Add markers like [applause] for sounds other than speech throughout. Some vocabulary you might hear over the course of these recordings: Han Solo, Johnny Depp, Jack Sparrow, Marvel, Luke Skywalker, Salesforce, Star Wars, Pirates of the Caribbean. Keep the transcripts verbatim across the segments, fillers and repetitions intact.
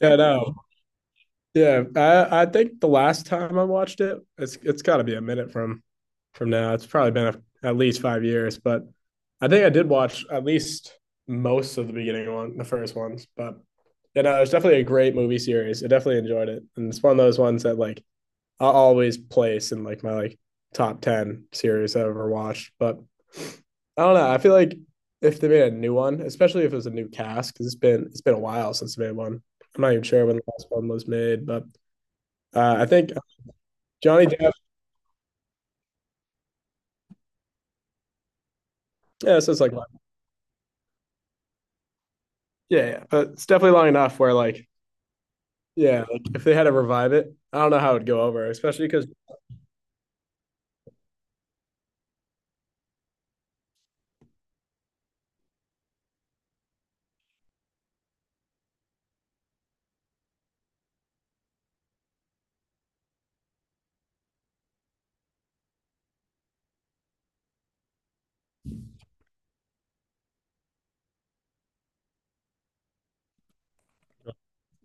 Yeah, no. Yeah, I I think the last time I watched it, it's it's got to be a minute from from now. It's probably been a, at least five years, but I think I did watch at least most of the beginning one, the first ones. But yeah, no, it was definitely a great movie series. I definitely enjoyed it, and it's one of those ones that like I'll always place in like my like top ten series I've ever watched. But I don't know. I feel like if they made a new one, especially if it was a new cast, because it's been it's been a while since they made one. I'm not even sure when the last one was made, but uh, I think Johnny Depp. Yeah, so it's like yeah, yeah, but it's definitely long enough where like yeah, like if they had to revive it, I don't know how it'd go over, especially because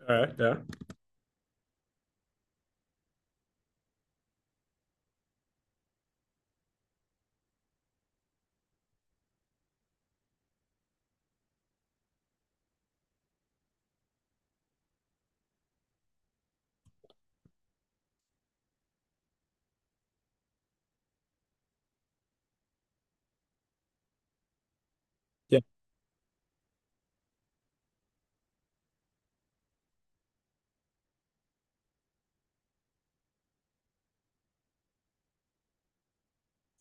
all right, yeah, yeah.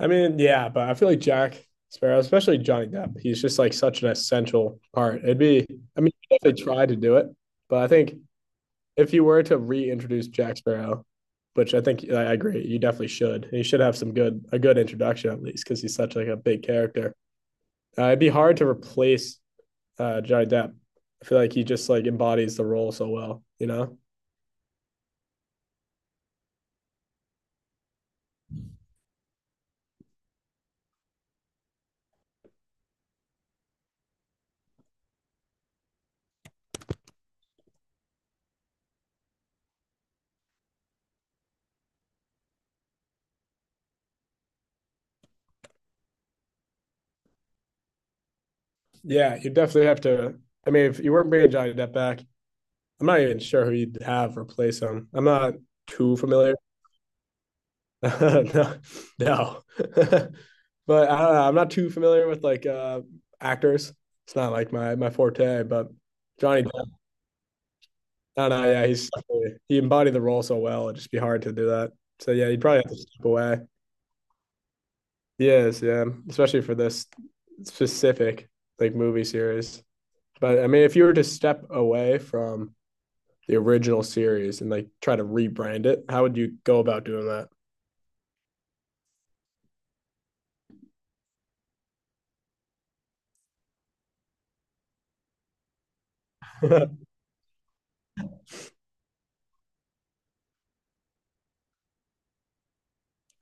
I mean, yeah, but I feel like Jack Sparrow, especially Johnny Depp, he's just like such an essential part. It'd be, I mean, you definitely try to do it, but I think if you were to reintroduce Jack Sparrow, which I think I agree, you definitely should. You should have some good, a good introduction at least, because he's such like a big character. Uh, it'd be hard to replace uh, Johnny Depp. I feel like he just like embodies the role so well, you know? Yeah, you definitely have to. I mean, if you weren't bringing Johnny Depp back, I'm not even sure who you'd have replace him. I'm not too familiar. [laughs] No, no. [laughs] But I don't know. I'm not too familiar with like uh, actors. It's not like my my forte. But Johnny, Depp, I don't know. Yeah, he's he embodied the role so well. It'd just be hard to do that. So yeah, you'd probably have to step away. He is, yeah, especially for this specific like movie series. But I mean, if you were to step away from the original series and like try to rebrand it, how would you go about doing that? [laughs] I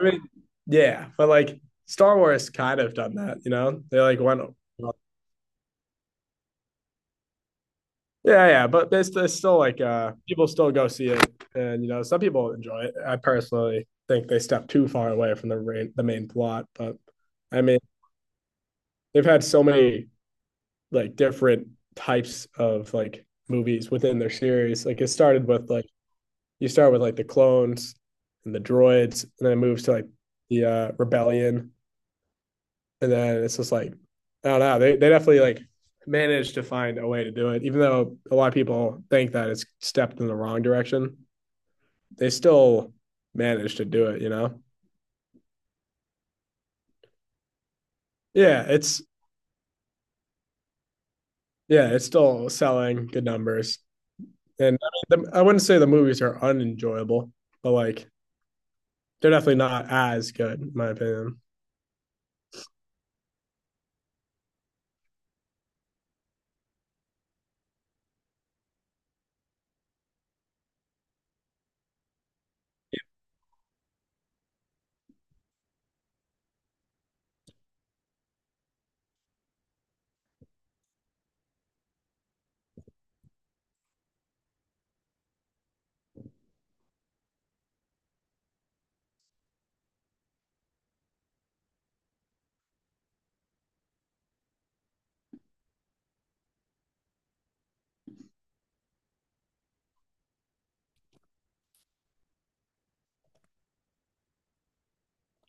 mean, yeah, but like Star Wars kind of done that, you know? They like went yeah, yeah, but there's, there's still like uh people still go see it, and you know some people enjoy it. I personally think they step too far away from the main the main plot, but I mean they've had so many like different types of like movies within their series. Like it started with like you start with like the clones and the droids, and then it moves to like the uh, rebellion, and then it's just like, I don't know. They they definitely like managed to find a way to do it, even though a lot of people think that it's stepped in the wrong direction. They still managed to do it, you know. Yeah, it's yeah, it's still selling good numbers, and I mean, the, I wouldn't say the movies are unenjoyable, but like they're definitely not as good, in my opinion.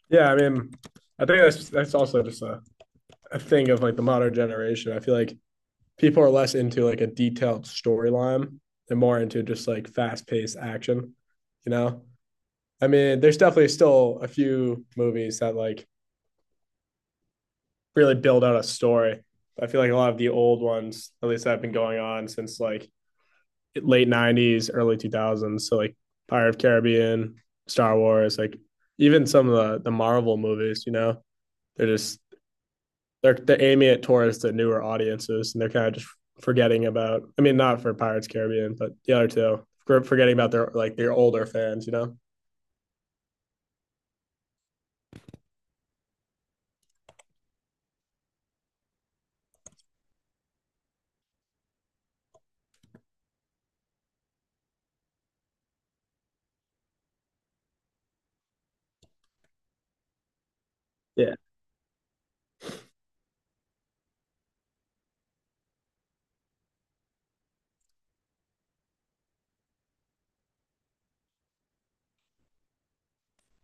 Yeah, I mean, I think that's that's also just a, a thing of like the modern generation. I feel like people are less into like a detailed storyline and more into just like fast paced action, you know? I mean, there's definitely still a few movies that like really build out a story. I feel like a lot of the old ones, at least that have been going on since like late nineties, early two thousands. So like *Pirates of the Caribbean, Star Wars, like even some of the, the Marvel movies, you know, they're just they're they're aiming at towards the newer audiences, and they're kind of just forgetting about. I mean, not for Pirates Caribbean, but the other two, forgetting about their like their older fans. You know? Yeah.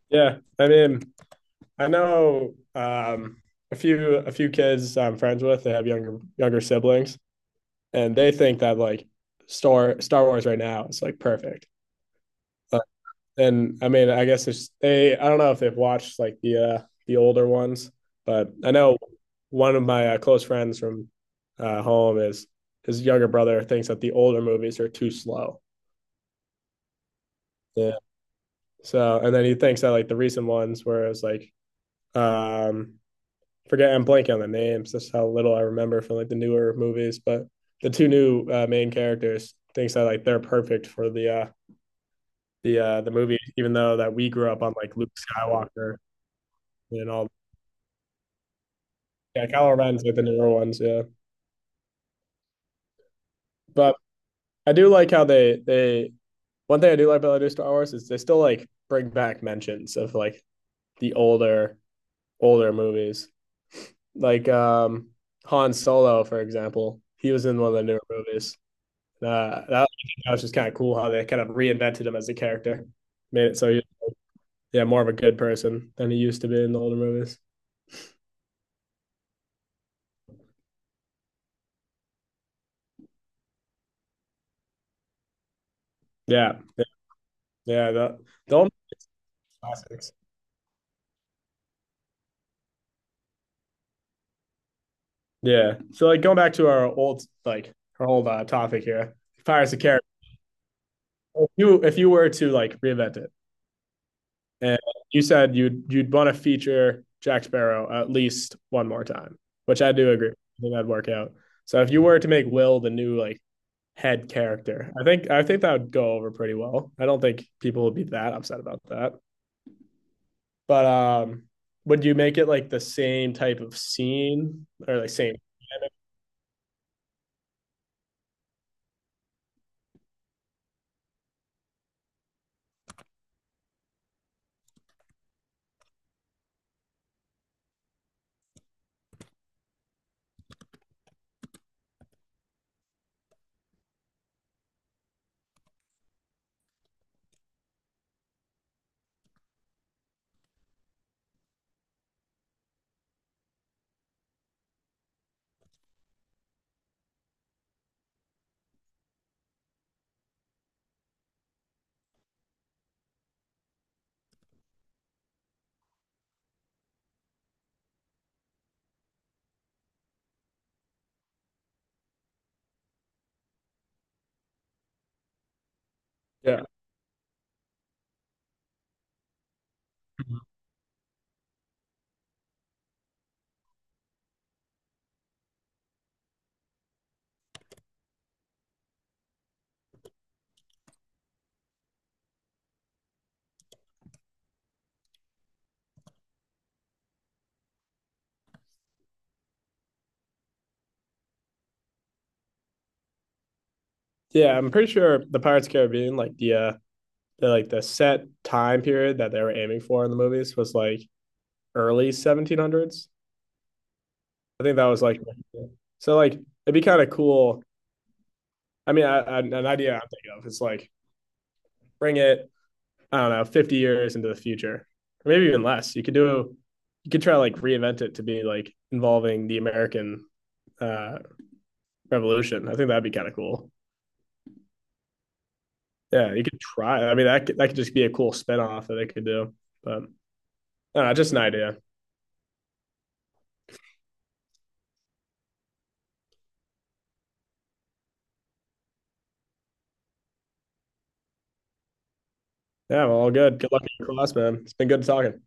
Yeah. I mean, I know um, a few a few kids I'm friends with. They have younger younger siblings, and they think that like Star Star Wars right now is like perfect. And I mean, I guess it's they. I don't know if they've watched like the uh, the older ones, but I know one of my uh, close friends from uh, home is his younger brother thinks that the older movies are too slow. Yeah. So and then he thinks that like the recent ones where it's like um forget I'm blanking on the names. That's how little I remember from like the newer movies, but the two new uh, main characters thinks that like they're perfect for the uh the uh the movie, even though that we grew up on like Luke Skywalker and all. Yeah, Calaveras like the newer ones, yeah. But I do like how they they one thing I do like about the new Star Wars is they still like bring back mentions of like the older older movies. Like um Han Solo, for example. He was in one of the newer movies. Uh that, that was just kind of cool how they kind of reinvented him as a character. Made it so he- Yeah, more of a good person than he used to be in the older movies. Yeah. Yeah, yeah the the old classics. Yeah. So like going back to our old like our old uh, topic here, Pirates of the Caribbean. If you if you were to like reinvent it, and you said you'd you'd want to feature Jack Sparrow at least one more time, which I do agree. I think that'd work out. So if you were to make Will the new like head character, I think I think that would go over pretty well. I don't think people would be that upset about that. But um, would you make it like the same type of scene or like same? Yeah. Yeah, I'm pretty sure the Pirates of the Caribbean, like the uh the like the set time period that they were aiming for in the movies was like early seventeen hundreds. I think that was like [laughs] so like it'd be kind of cool. I mean, I, I, an idea I'm thinking of is like bring it, I don't know, fifty years into the future. Or maybe even less. You could do you could try to like reinvent it to be like involving the American uh revolution. I think that'd be kind of cool. Yeah, you could try. I mean, that could, that could just be a cool spinoff that they could do. But I don't know, just an idea. Yeah, well, all good. Good luck in your class, man. It's been good talking.